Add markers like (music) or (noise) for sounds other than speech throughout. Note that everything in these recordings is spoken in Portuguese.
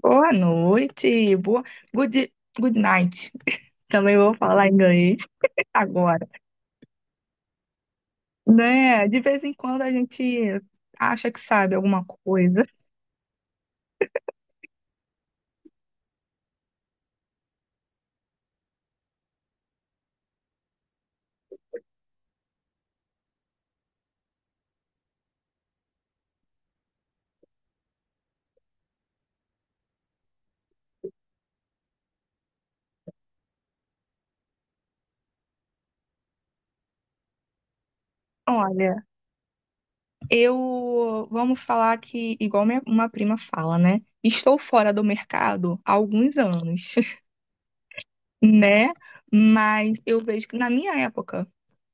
Boa noite, boa good, good night. Também vou falar inglês (laughs) agora, né? De vez em quando a gente acha que sabe alguma coisa. Olha, eu vamos falar que igual minha, uma prima fala, né? Estou fora do mercado há alguns anos, (laughs) né? Mas eu vejo que na minha época,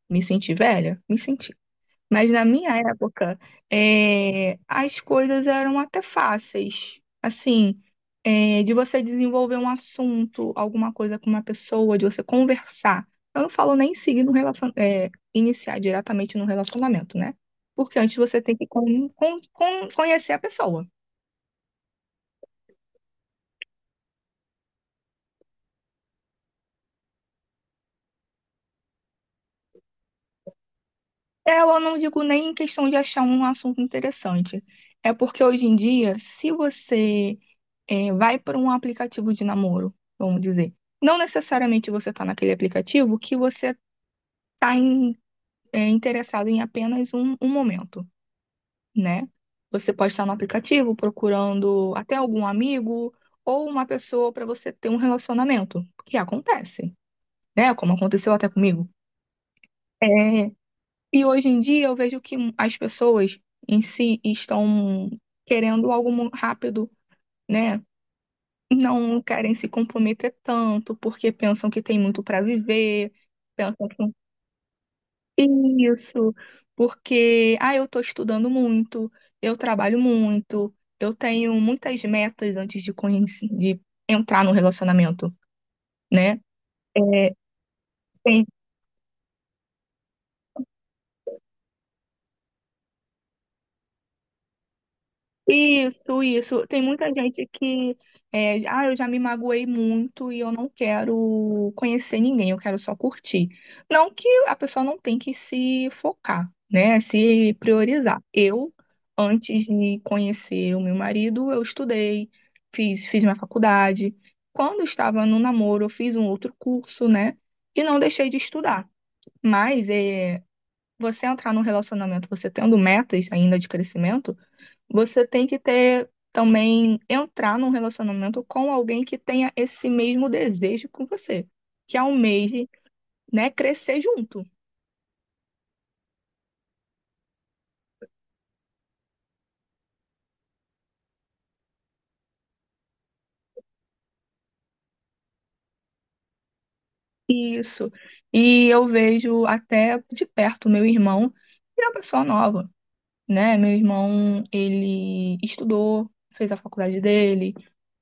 me senti velha, me senti. Mas na minha época, as coisas eram até fáceis. Assim, de você desenvolver um assunto, alguma coisa com uma pessoa, de você conversar. Eu não falo nem seguir no relacion... iniciar diretamente no relacionamento, né? Porque antes você tem que conhecer a pessoa. Eu não digo nem em questão de achar um assunto interessante. É porque hoje em dia, se você vai para um aplicativo de namoro, vamos dizer. Não necessariamente você está naquele aplicativo que você está interessado em apenas um momento, né? Você pode estar no aplicativo procurando até algum amigo ou uma pessoa para você ter um relacionamento, que acontece, né? Como aconteceu até comigo. É, e hoje em dia eu vejo que as pessoas em si estão querendo algo rápido, né? Não querem se comprometer tanto, porque pensam que tem muito para viver, pensam que isso, porque ah, eu estou estudando muito, eu trabalho muito, eu tenho muitas metas antes de conhecer, de entrar no relacionamento, né? É, tem. Isso, isso. Tem muita gente que, ah, eu já me magoei muito e eu não quero conhecer ninguém, eu quero só curtir. Não que a pessoa não tem que se focar, né? Se priorizar. Eu, antes de conhecer o meu marido, eu estudei, fiz minha faculdade. Quando eu estava no namoro, eu fiz um outro curso, né? E não deixei de estudar. Mas é, você entrar num relacionamento, você tendo metas ainda de crescimento, você tem que ter também entrar num relacionamento com alguém que tenha esse mesmo desejo com você, que almeje, né, crescer junto. Isso. E eu vejo até de perto meu irmão, que é uma pessoa nova, né? Meu irmão, ele estudou, fez a faculdade dele,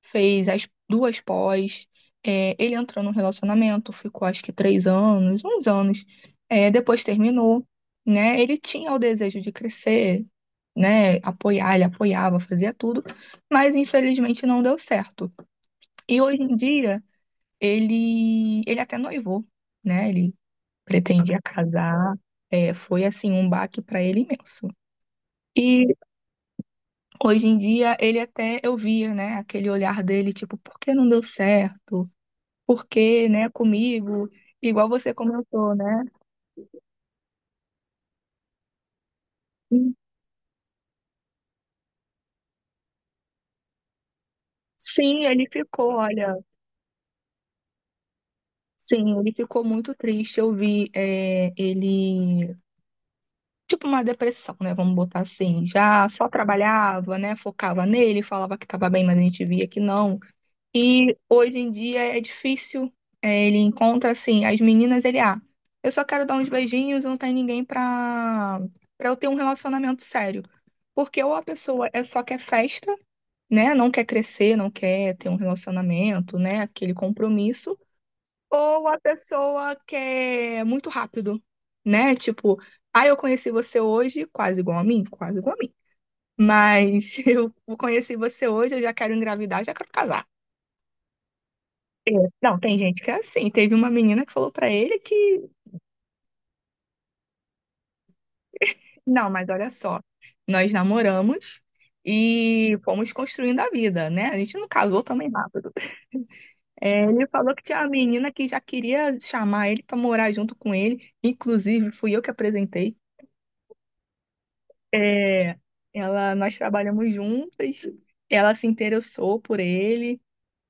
fez as duas pós, ele entrou num relacionamento, ficou acho que três anos, uns anos, é, depois terminou, né? Ele tinha o desejo de crescer, né? Apoiar, ele apoiava, fazia tudo, mas infelizmente não deu certo. E hoje em dia, ele até noivou, né? Ele pretendia casar, é, foi assim um baque para ele imenso. E hoje em dia, ele até eu via, né, aquele olhar dele, tipo, por que não deu certo? Por que, né, comigo? Igual você comentou, né? Sim, ele ficou, olha, sim, ele ficou muito triste. Eu vi, é, ele, tipo, uma depressão, né? Vamos botar assim. Já só trabalhava, né? Focava nele, falava que tava bem, mas a gente via que não. E hoje em dia é difícil. É, ele encontra assim, as meninas, ele, ah, eu só quero dar uns beijinhos, não tem ninguém pra, pra eu ter um relacionamento sério. Porque ou a pessoa é só quer festa, né? Não quer crescer, não quer ter um relacionamento, né? Aquele compromisso. Ou a pessoa quer muito rápido, né? Tipo, ah, eu conheci você hoje, quase igual a mim, quase igual a mim. Mas (laughs) eu conheci você hoje, eu já quero engravidar, já quero casar. É, não, tem gente que é assim. Teve uma menina que falou pra ele que, não, mas olha só, nós namoramos e fomos construindo a vida, né? A gente não casou também rápido. É, ele falou que tinha uma menina que já queria chamar ele pra morar junto com ele, inclusive fui eu que apresentei. É, ela, nós trabalhamos juntas, ela se interessou por ele.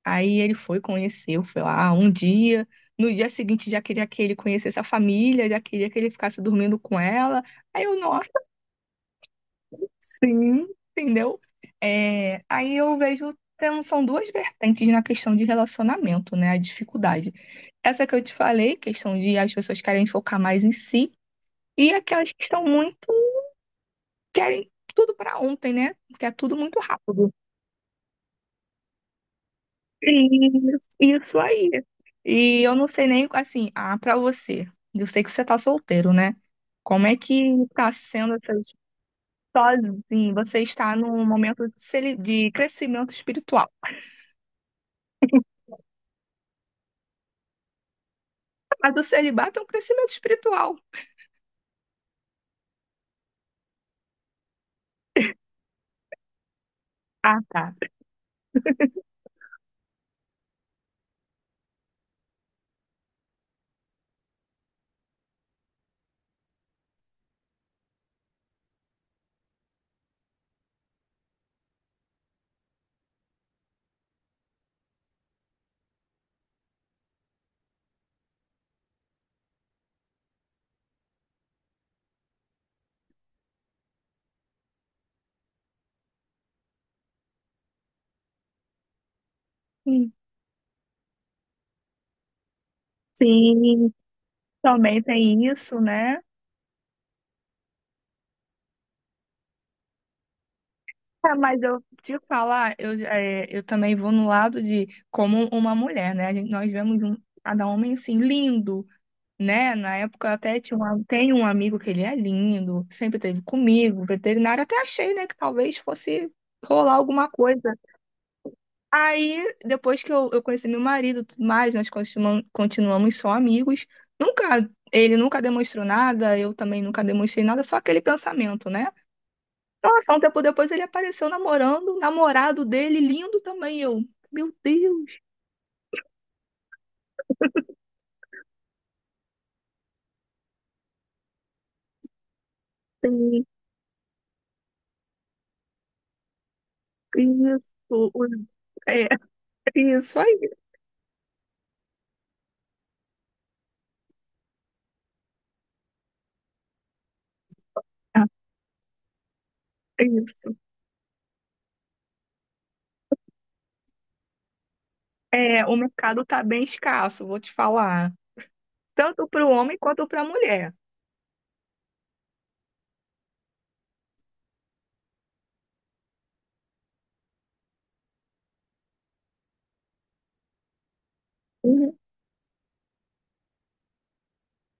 Aí ele foi, conheceu, foi lá um dia. No dia seguinte já queria que ele conhecesse a família, já queria que ele ficasse dormindo com ela. Aí eu, nossa, sim, entendeu? É, aí eu vejo, são duas vertentes na questão de relacionamento, né? A dificuldade. Essa que eu te falei, questão de as pessoas querem focar mais em si, e aquelas que estão muito, querem tudo para ontem, né? Quer tudo muito rápido. Isso aí. E eu não sei nem, assim, ah, pra você, eu sei que você tá solteiro, né? Como é que tá sendo essas sozinho? Você está num momento de de crescimento espiritual. Mas o celibato é um crescimento espiritual. Ah, tá. Sim, sim, também tem isso, né? Ah, mas eu te falar, eu, é, eu também vou no lado de como uma mulher, né? A gente- nós vemos um, cada homem assim, lindo, né? Na época eu até tinha um, tem um amigo que ele é lindo, sempre teve comigo, veterinário, até achei, né, que talvez fosse rolar alguma coisa. Aí, depois que eu conheci meu marido, e tudo mais, continuamos só amigos. Nunca, ele nunca demonstrou nada, eu também nunca demonstrei nada, só aquele pensamento, né? Nossa, um tempo depois ele apareceu namorando, o namorado dele, lindo também. Eu, meu Deus, tem isso, os- é isso aí, é isso. É, o mercado está bem escasso, vou te falar. Tanto para o homem quanto para a mulher. Uhum.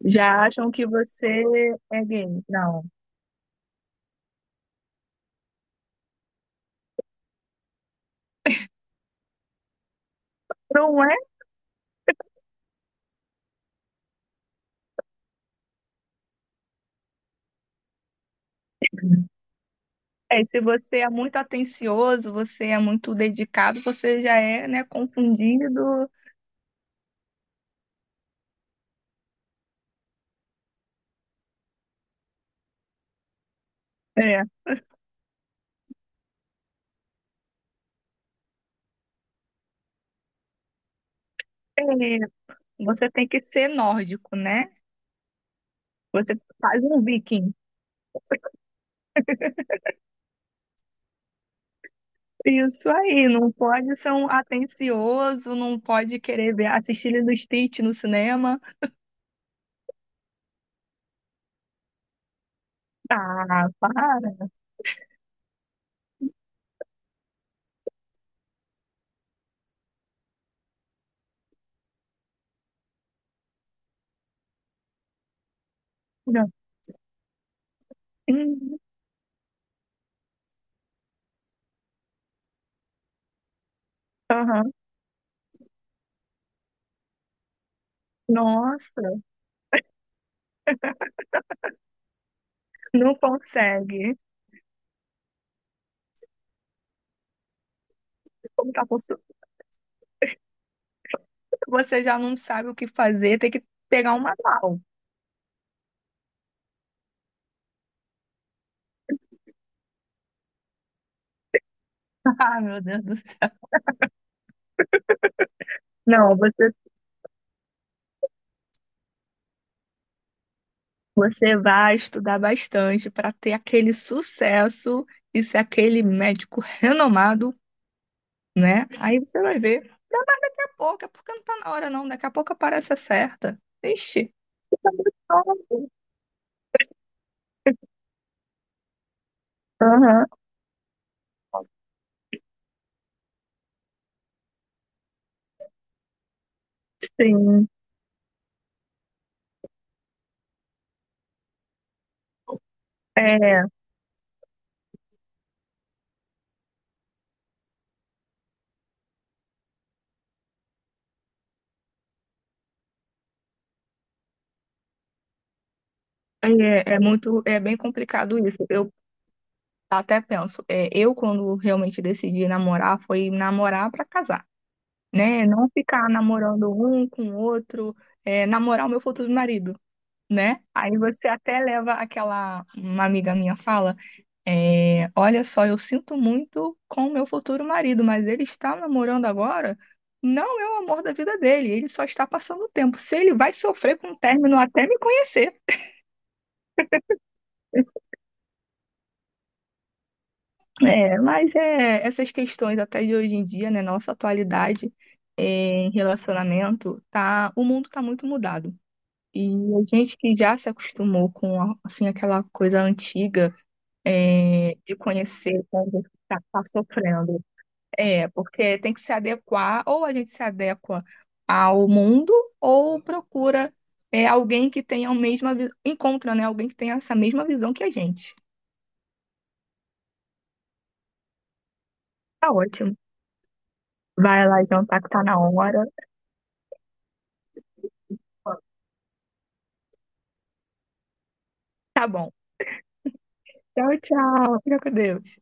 Já acham que você é gay. Não. Não é? É, se você é muito atencioso, você é muito dedicado, você já é, né, confundido. É. É, você tem que ser nórdico, né? Você faz um viking. Isso aí, não pode ser um atencioso, não pode querer ver, assistir Lilo e Stitch no cinema. Ah, para. Não. Uhum. Aham. Nossa, não consegue. Como tá possu- Você já não sabe o que fazer, tem que pegar um manual. (laughs) Ah, meu Deus do céu. Não, você vai estudar bastante para ter aquele sucesso e ser aquele médico renomado, né? Aí você vai ver. Daqui a pouco, é porque não tá na hora, não. Daqui a pouco aparece a certa. Ixi. Aham, sim. É, é muito, é bem complicado isso. Eu até penso, é, eu quando realmente decidi namorar foi namorar pra casar, né? Não ficar namorando um com o outro, é, namorar o meu futuro marido, né? Aí você até leva aquela, uma amiga minha fala, é, olha só, eu sinto muito com o meu futuro marido, mas ele está namorando agora, não é o amor da vida dele, ele só está passando o tempo. Se ele vai sofrer com o término até me conhecer. É, (laughs) mas é, essas questões até de hoje em dia, né, nossa atualidade é, em relacionamento, tá, o mundo tá muito mudado. E a gente que já se acostumou com assim aquela coisa antiga é, de conhecer quando tá, tá sofrendo. É, porque tem que se adequar, ou a gente se adequa ao mundo, ou procura é, alguém que tenha a mesma, encontra, né, alguém que tenha essa mesma visão que a gente. Tá ótimo. Vai lá jantar que tá na hora. Tá bom. Tchau, tchau. Fica com Deus.